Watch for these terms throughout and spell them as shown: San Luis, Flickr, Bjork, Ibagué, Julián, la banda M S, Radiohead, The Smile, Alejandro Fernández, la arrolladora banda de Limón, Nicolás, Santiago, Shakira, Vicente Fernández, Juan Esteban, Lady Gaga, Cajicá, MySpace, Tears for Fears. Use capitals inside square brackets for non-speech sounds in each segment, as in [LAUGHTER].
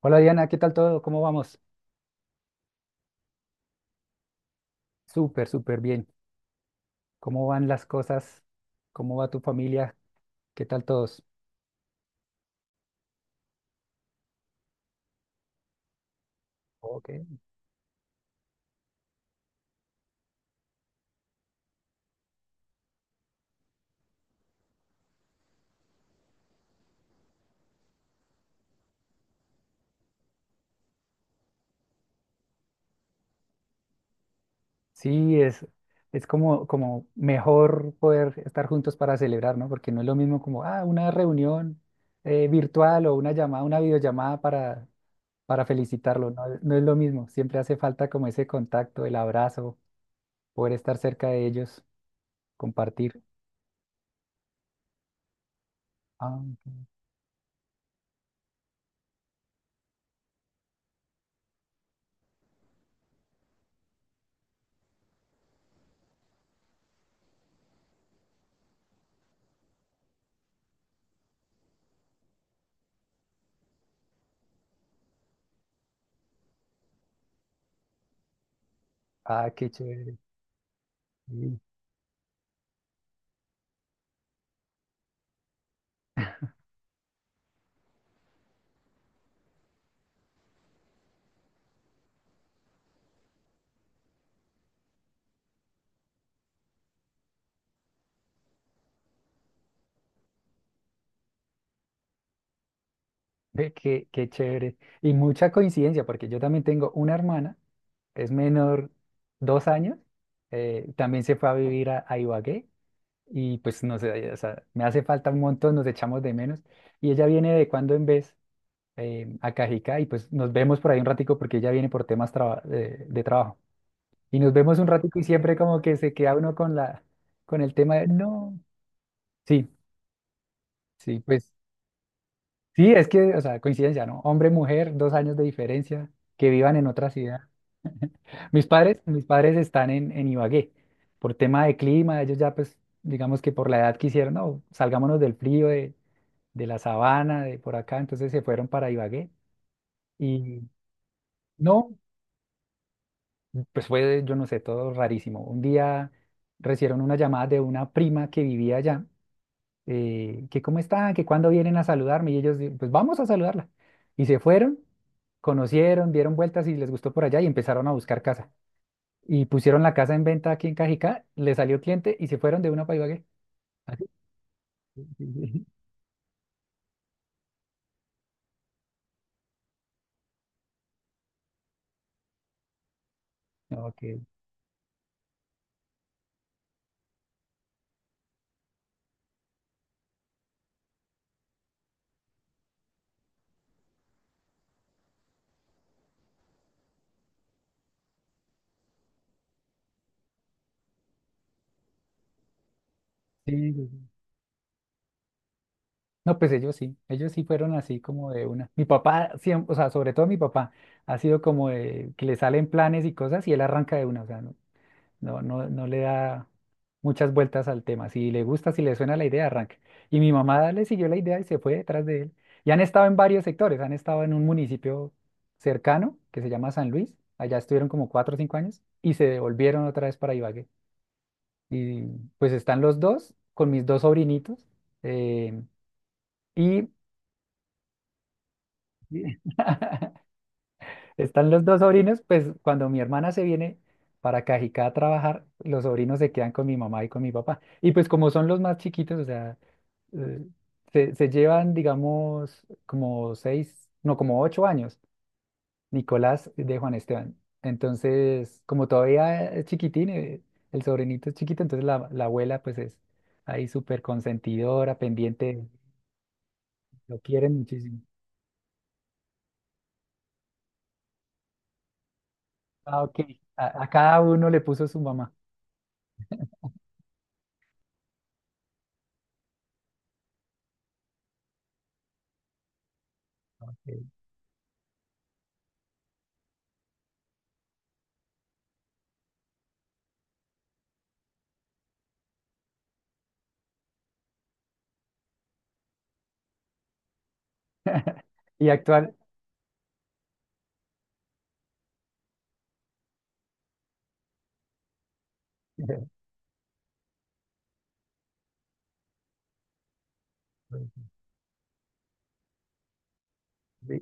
Hola Diana, ¿qué tal todo? ¿Cómo vamos? Súper, súper bien. ¿Cómo van las cosas? ¿Cómo va tu familia? ¿Qué tal todos? Ok. Sí, es como, mejor poder estar juntos para celebrar, ¿no? Porque no es lo mismo como, ah, una reunión virtual o una llamada, una videollamada para felicitarlo, ¿no? No es lo mismo. Siempre hace falta como ese contacto, el abrazo, poder estar cerca de ellos, compartir. Ah, ok. Ah, qué chévere. Sí. [LAUGHS] Ve, qué chévere. Y mucha coincidencia, porque yo también tengo una hermana, es menor 2 años, también se fue a vivir a Ibagué y pues no sé, o sea, me hace falta un montón, nos echamos de menos. Y ella viene de cuando en vez a Cajicá y pues nos vemos por ahí un ratico porque ella viene por temas de trabajo. Y nos vemos un ratico y siempre como que se queda uno con la, con el tema de, no, sí, sí, pues. Sí, es que, o sea, coincidencia, ¿no? Hombre, mujer, 2 años de diferencia, que vivan en otra ciudad. [LAUGHS] Mis padres están en Ibagué. Por tema de clima, ellos ya, pues, digamos que por la edad quisieron, no, salgámonos del frío, de la sabana, de por acá, entonces se fueron para Ibagué. Y no, pues fue, yo no sé, todo rarísimo. Un día recibieron una llamada de una prima que vivía allá que cómo están, que cuándo vienen a saludarme. Y ellos, pues vamos a saludarla. Y se fueron, conocieron, dieron vueltas y les gustó por allá y empezaron a buscar casa. Y pusieron la casa en venta aquí en Cajicá, le salió cliente y se fueron de una para Ibagué. [LAUGHS] Así, sí, sí. No, que sí, sí, sí. No, pues ellos sí fueron así como de una. Mi papá, siempre, o sea, sobre todo mi papá, ha sido como de que le salen planes y cosas y él arranca de una, o sea, ¿no? No, no, no le da muchas vueltas al tema. Si le gusta, si le suena la idea, arranca. Y mi mamá le siguió la idea y se fue detrás de él. Y han estado en varios sectores. Han estado en un municipio cercano que se llama San Luis. Allá estuvieron como 4 o 5 años y se devolvieron otra vez para Ibagué. Y pues están los dos con mis dos sobrinitos. eh, y [LAUGHS] están los dos sobrinos, pues cuando mi hermana se viene para Cajicá a trabajar, los sobrinos se quedan con mi mamá y con mi papá. Y pues como son los más chiquitos, o sea, eh, se llevan, digamos, como seis, no, como 8 años, Nicolás de Juan Esteban. Entonces, como todavía es chiquitín, el sobrinito es chiquito, entonces la abuela pues es ahí súper consentidora, pendiente, lo quieren muchísimo. Ah, ok. A cada uno le puso su mamá. Ok. [LAUGHS] Y actual, [LAUGHS] sí.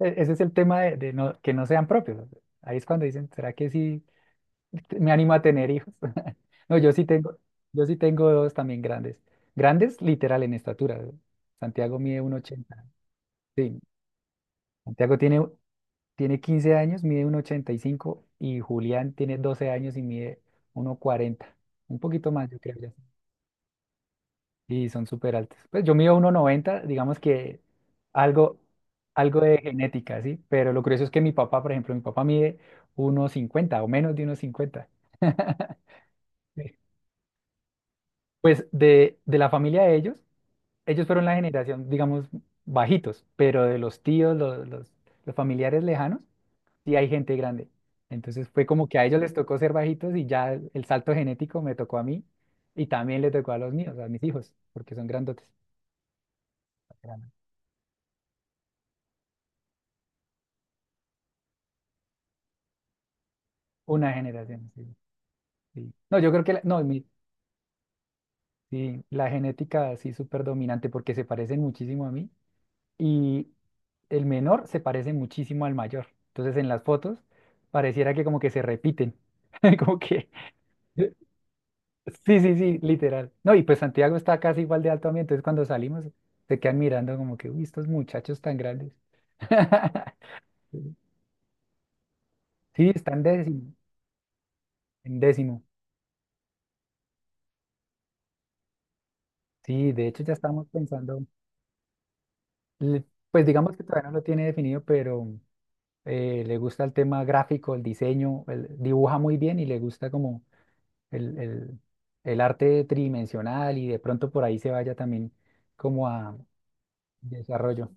Ese es el tema de que no sean propios. Ahí es cuando dicen, ¿será que sí? Me animo a tener hijos. [LAUGHS] No, yo sí tengo dos también grandes. Grandes literal en estatura. Santiago mide 1,80. Sí, Santiago tiene 15 años, mide 1,85 y cinco y Julián tiene 12 años y mide 1,40. Un poquito más, yo creo ya. Y son súper altos. Pues yo mido 1,90, digamos que algo, algo de genética, ¿sí? Pero lo curioso es que mi papá, por ejemplo, mi papá mide 1,50 o menos de 1,50. [LAUGHS] Pues de la familia de ellos, ellos fueron la generación, digamos, bajitos, pero de los tíos, los familiares lejanos, sí hay gente grande. Entonces fue como que a ellos les tocó ser bajitos y ya salto genético me tocó a mí y también le tocó a los míos, a mis hijos, porque son grandotes. Una generación, sí, sí. No, yo creo que la, no, mi, sí, la genética sí súper dominante porque se parecen muchísimo a mí y el menor se parece muchísimo al mayor. Entonces en las fotos pareciera que como que se repiten, [LAUGHS] como que... Sí, sí, sí, literal. No, y pues Santiago está casi igual de alto a mí, entonces cuando salimos se quedan mirando como que, uy, estos muchachos tan grandes. [LAUGHS] Sí, en décimo. Sí, de hecho ya estamos pensando, le- pues digamos que todavía no lo tiene definido, pero le gusta el tema gráfico, el diseño, él dibuja muy bien y le gusta como el, el- el arte tridimensional y de pronto por ahí se vaya también como a desarrollo.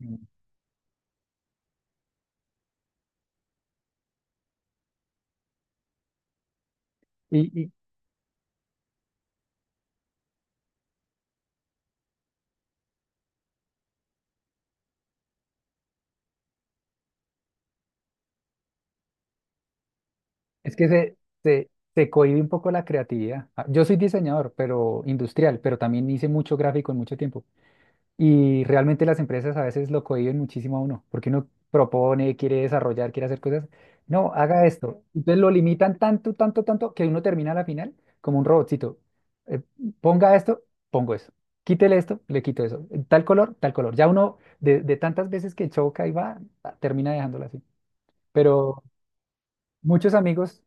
Mm. Y es que se, se cohíbe un poco la creatividad. Ah, yo soy diseñador, pero industrial, pero también hice mucho gráfico en mucho tiempo. Y realmente las empresas a veces lo cohíben muchísimo a uno, porque uno propone, quiere desarrollar, quiere hacer cosas. No, haga esto. Entonces lo limitan tanto, tanto, tanto, que uno termina a la final como un robotcito. Eh, ponga esto, pongo eso. Quítele esto, le quito eso. Tal color, tal color. Ya uno, de tantas veces que choca y va, ah, termina dejándolo así. Pero muchos amigos.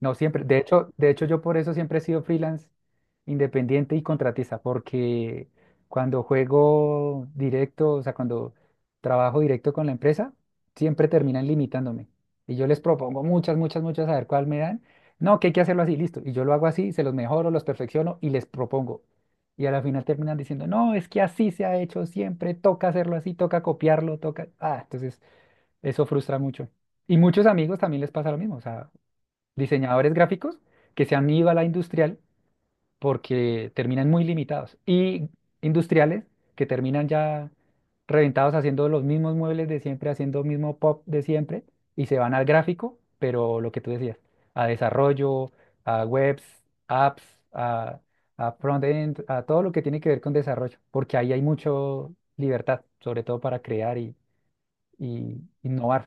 No siempre. De hecho, yo por eso siempre he sido freelance, independiente y contratista, porque cuando juego directo, o sea, cuando trabajo directo con la empresa, siempre terminan limitándome. Y yo les propongo muchas, muchas, muchas, a ver cuál me dan. No, que hay que hacerlo así, listo. Y yo lo hago así, se los mejoro, los perfecciono y les propongo. Y a la final terminan diciendo, no, es que así se ha hecho siempre, toca hacerlo así, toca copiarlo, toca. Ah, entonces eso frustra mucho. Y muchos amigos también les pasa lo mismo. O sea, diseñadores gráficos que se han ido a la industrial porque terminan muy limitados y industriales que terminan ya reventados haciendo los mismos muebles de siempre, haciendo mismo pop de siempre y se van al gráfico, pero lo que tú decías, a desarrollo, a webs, apps, a, a front-end, a todo lo que tiene que ver con desarrollo, porque ahí hay mucho libertad, sobre todo para crear y innovar.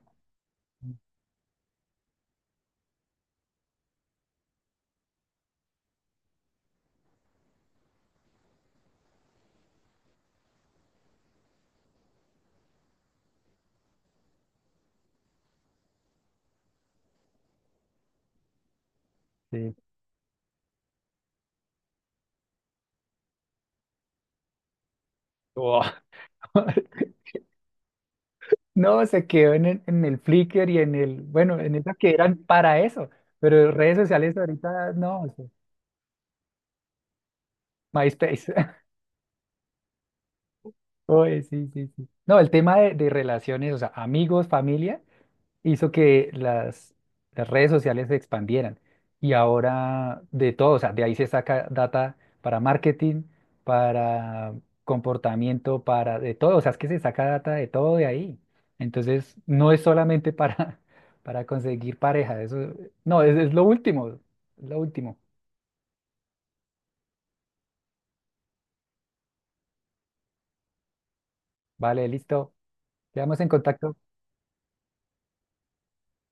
Sí. Oh. [LAUGHS] No, se quedó en el, Flickr y en el, bueno, en esas que eran para eso, pero redes sociales ahorita no, o sea, MySpace. [LAUGHS] Oye, sí, sí, sí. No, el tema de relaciones, o sea, amigos, familia, hizo que las redes sociales se expandieran. Y ahora de todo, o sea, de ahí se saca data para marketing, para comportamiento, para de todo. O sea, es que se saca data de todo de ahí. Entonces, no es solamente para, [LAUGHS] para conseguir pareja. Eso, no, es lo último. Es lo último. Vale, listo. Quedamos en contacto.